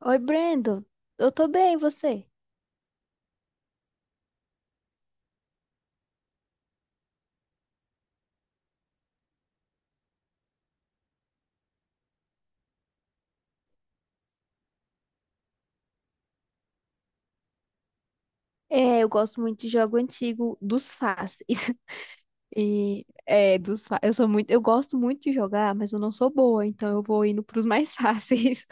Oi, Brandon. Eu tô bem, e você? É, eu gosto muito de jogo antigo dos fáceis. E é, eu sou muito, eu gosto muito de jogar, mas eu não sou boa, então eu vou indo pros mais fáceis.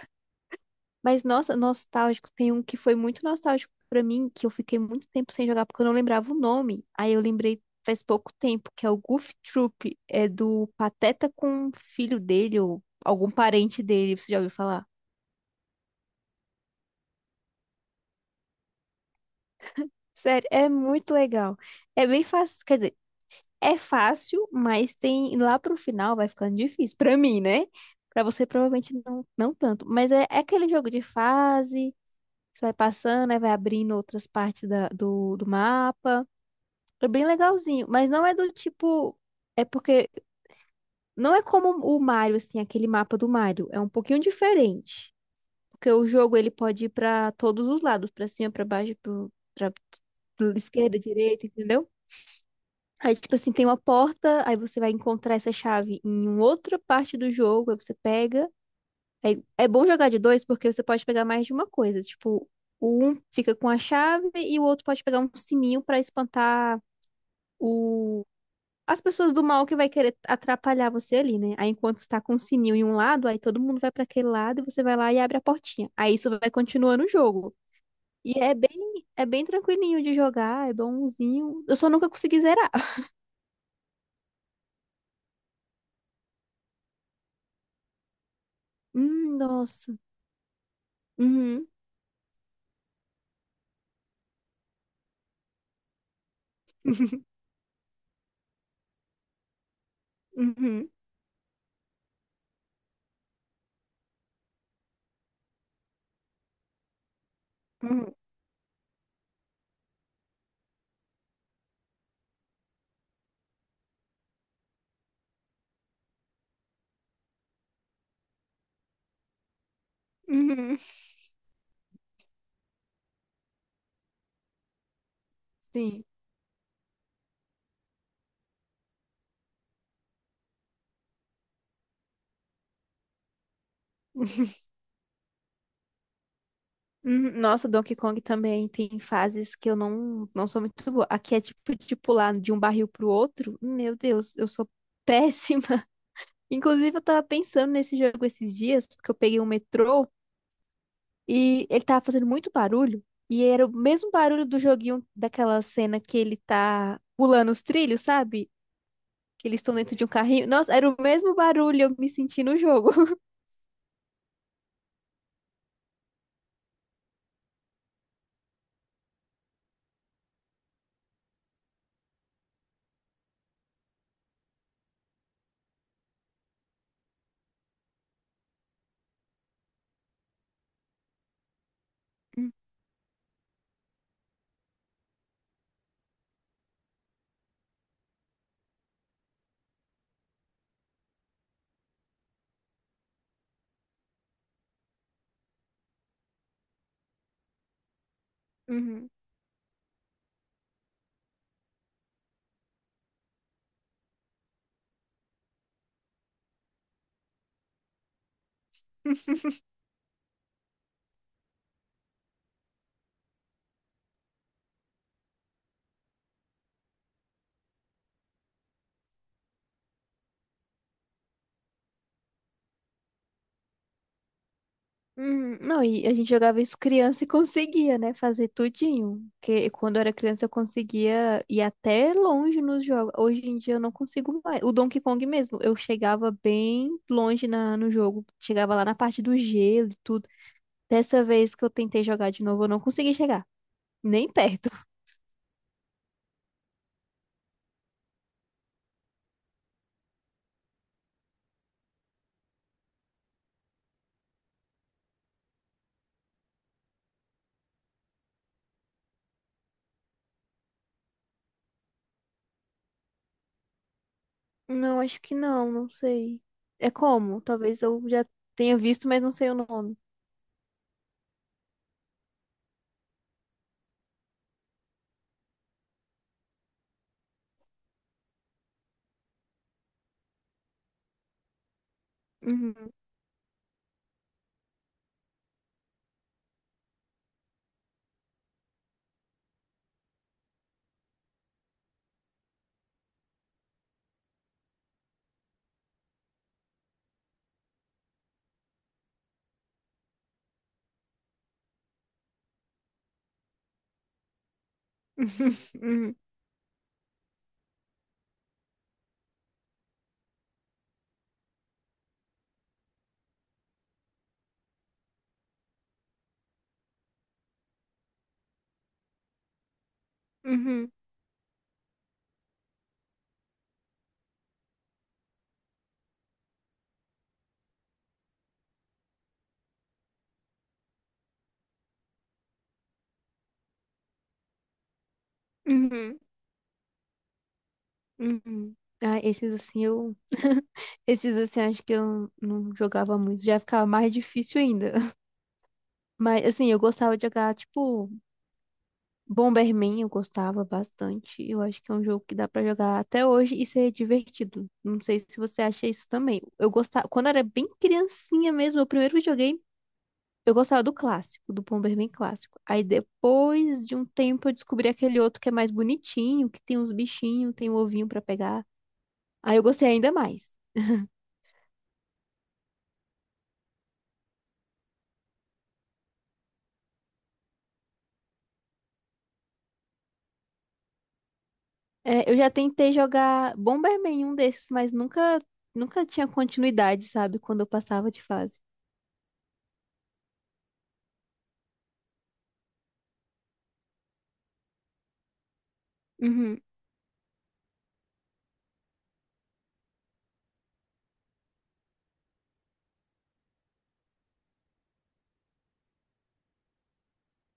Mas nossa, nostálgico, tem um que foi muito nostálgico pra mim, que eu fiquei muito tempo sem jogar porque eu não lembrava o nome. Aí eu lembrei faz pouco tempo, que é o Goof Troop, é do Pateta com o filho dele ou algum parente dele, você já ouviu falar? Sério, é muito legal. É bem fácil, quer dizer, é fácil, mas tem lá pro final vai ficando difícil. Pra mim, né? Pra você provavelmente não, não tanto. Mas é, é aquele jogo de fase, você vai passando, aí vai abrindo outras partes do mapa. É bem legalzinho, mas não é do tipo. É porque não é como o Mario, assim, aquele mapa do Mario. É um pouquinho diferente. Porque o jogo ele pode ir pra todos os lados, pra cima, pra baixo, pra esquerda, direita, entendeu? Aí, tipo assim, tem uma porta, aí você vai encontrar essa chave em outra parte do jogo, aí você pega. Aí, é bom jogar de dois porque você pode pegar mais de uma coisa. Tipo, o um fica com a chave e o outro pode pegar um sininho pra espantar o... as pessoas do mal que vai querer atrapalhar você ali, né? Aí, enquanto você tá com o sininho em um lado, aí todo mundo vai pra aquele lado e você vai lá e abre a portinha. Aí isso vai continuando o jogo. E é bem tranquilinho de jogar, é bonzinho. Eu só nunca consegui zerar. Nossa. Uhum. Uhum, uhum, uhum. Sim. Uhum. Nossa, Donkey Kong também tem fases que eu não, não sou muito boa. Aqui é tipo de pular de um barril pro outro. Meu Deus, eu sou péssima. Inclusive, eu tava pensando nesse jogo esses dias, porque eu peguei um metrô e ele tava fazendo muito barulho. E era o mesmo barulho do joguinho daquela cena que ele tá pulando os trilhos, sabe? Que eles estão dentro de um carrinho. Nossa, era o mesmo barulho, eu me senti no jogo. Uhum. Não, e a gente jogava isso criança e conseguia, né, fazer tudinho. Porque quando eu era criança eu conseguia ir até longe nos jogos. Hoje em dia eu não consigo mais. O Donkey Kong mesmo, eu chegava bem longe no jogo. Chegava lá na parte do gelo e tudo. Dessa vez que eu tentei jogar de novo, eu não consegui chegar. Nem perto. Não, acho que não, não sei. É como? Talvez eu já tenha visto, mas não sei o nome. Uhum. Uhum. Uhum. Uhum. Uhum. Ah, esses assim eu. Esses assim acho que eu não jogava muito. Já ficava mais difícil ainda. Mas assim, eu gostava de jogar, tipo, Bomberman, eu gostava bastante. Eu acho que é um jogo que dá pra jogar até hoje e ser divertido. Não sei se você acha isso também. Eu gostava. Quando eu era bem criancinha mesmo, meu primeiro videogame, eu gostava do clássico, do Bomberman clássico. Aí depois de um tempo eu descobri aquele outro que é mais bonitinho, que tem uns bichinhos, tem um ovinho pra pegar. Aí eu gostei ainda mais. É, eu já tentei jogar Bomberman, um desses, mas nunca, nunca tinha continuidade, sabe? Quando eu passava de fase. Uhum.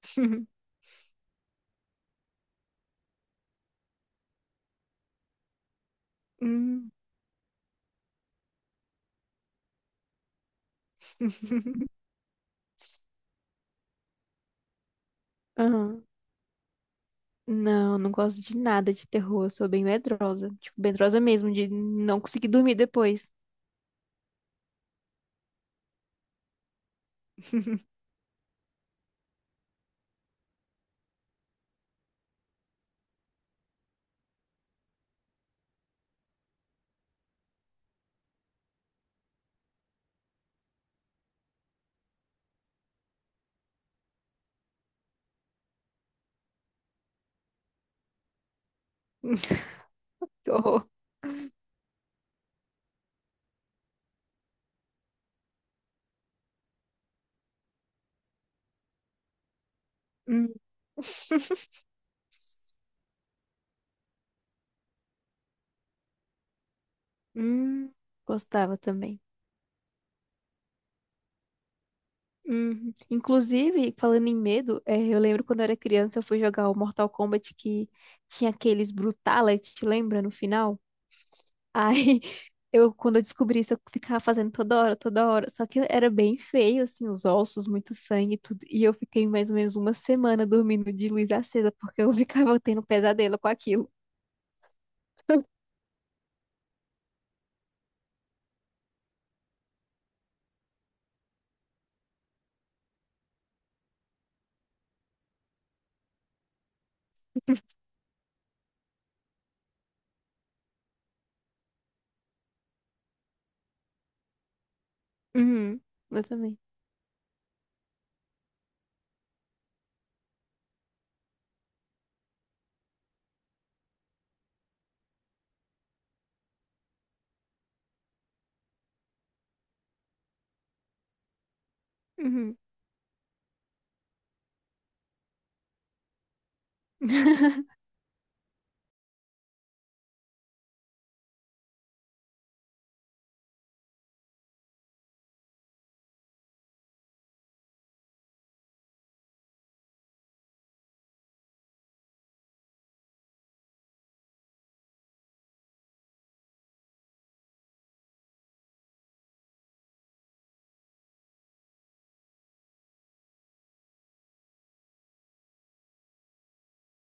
Hum. Aham. Não, não gosto de nada de terror. Eu sou bem medrosa. Tipo, medrosa mesmo, de não conseguir dormir depois. Que horror. Hum. Hum. Gostava também. Hum. Inclusive, falando em medo, é, eu lembro quando eu era criança, eu fui jogar o Mortal Kombat que tinha aqueles Brutality, lembra, no final? Aí, eu, quando eu descobri isso, eu ficava fazendo toda hora, toda hora. Só que era bem feio, assim, os ossos, muito sangue e tudo. E eu fiquei mais ou menos uma semana dormindo de luz acesa, porque eu ficava tendo pesadelo com aquilo. Uhum, eu também. Uhum.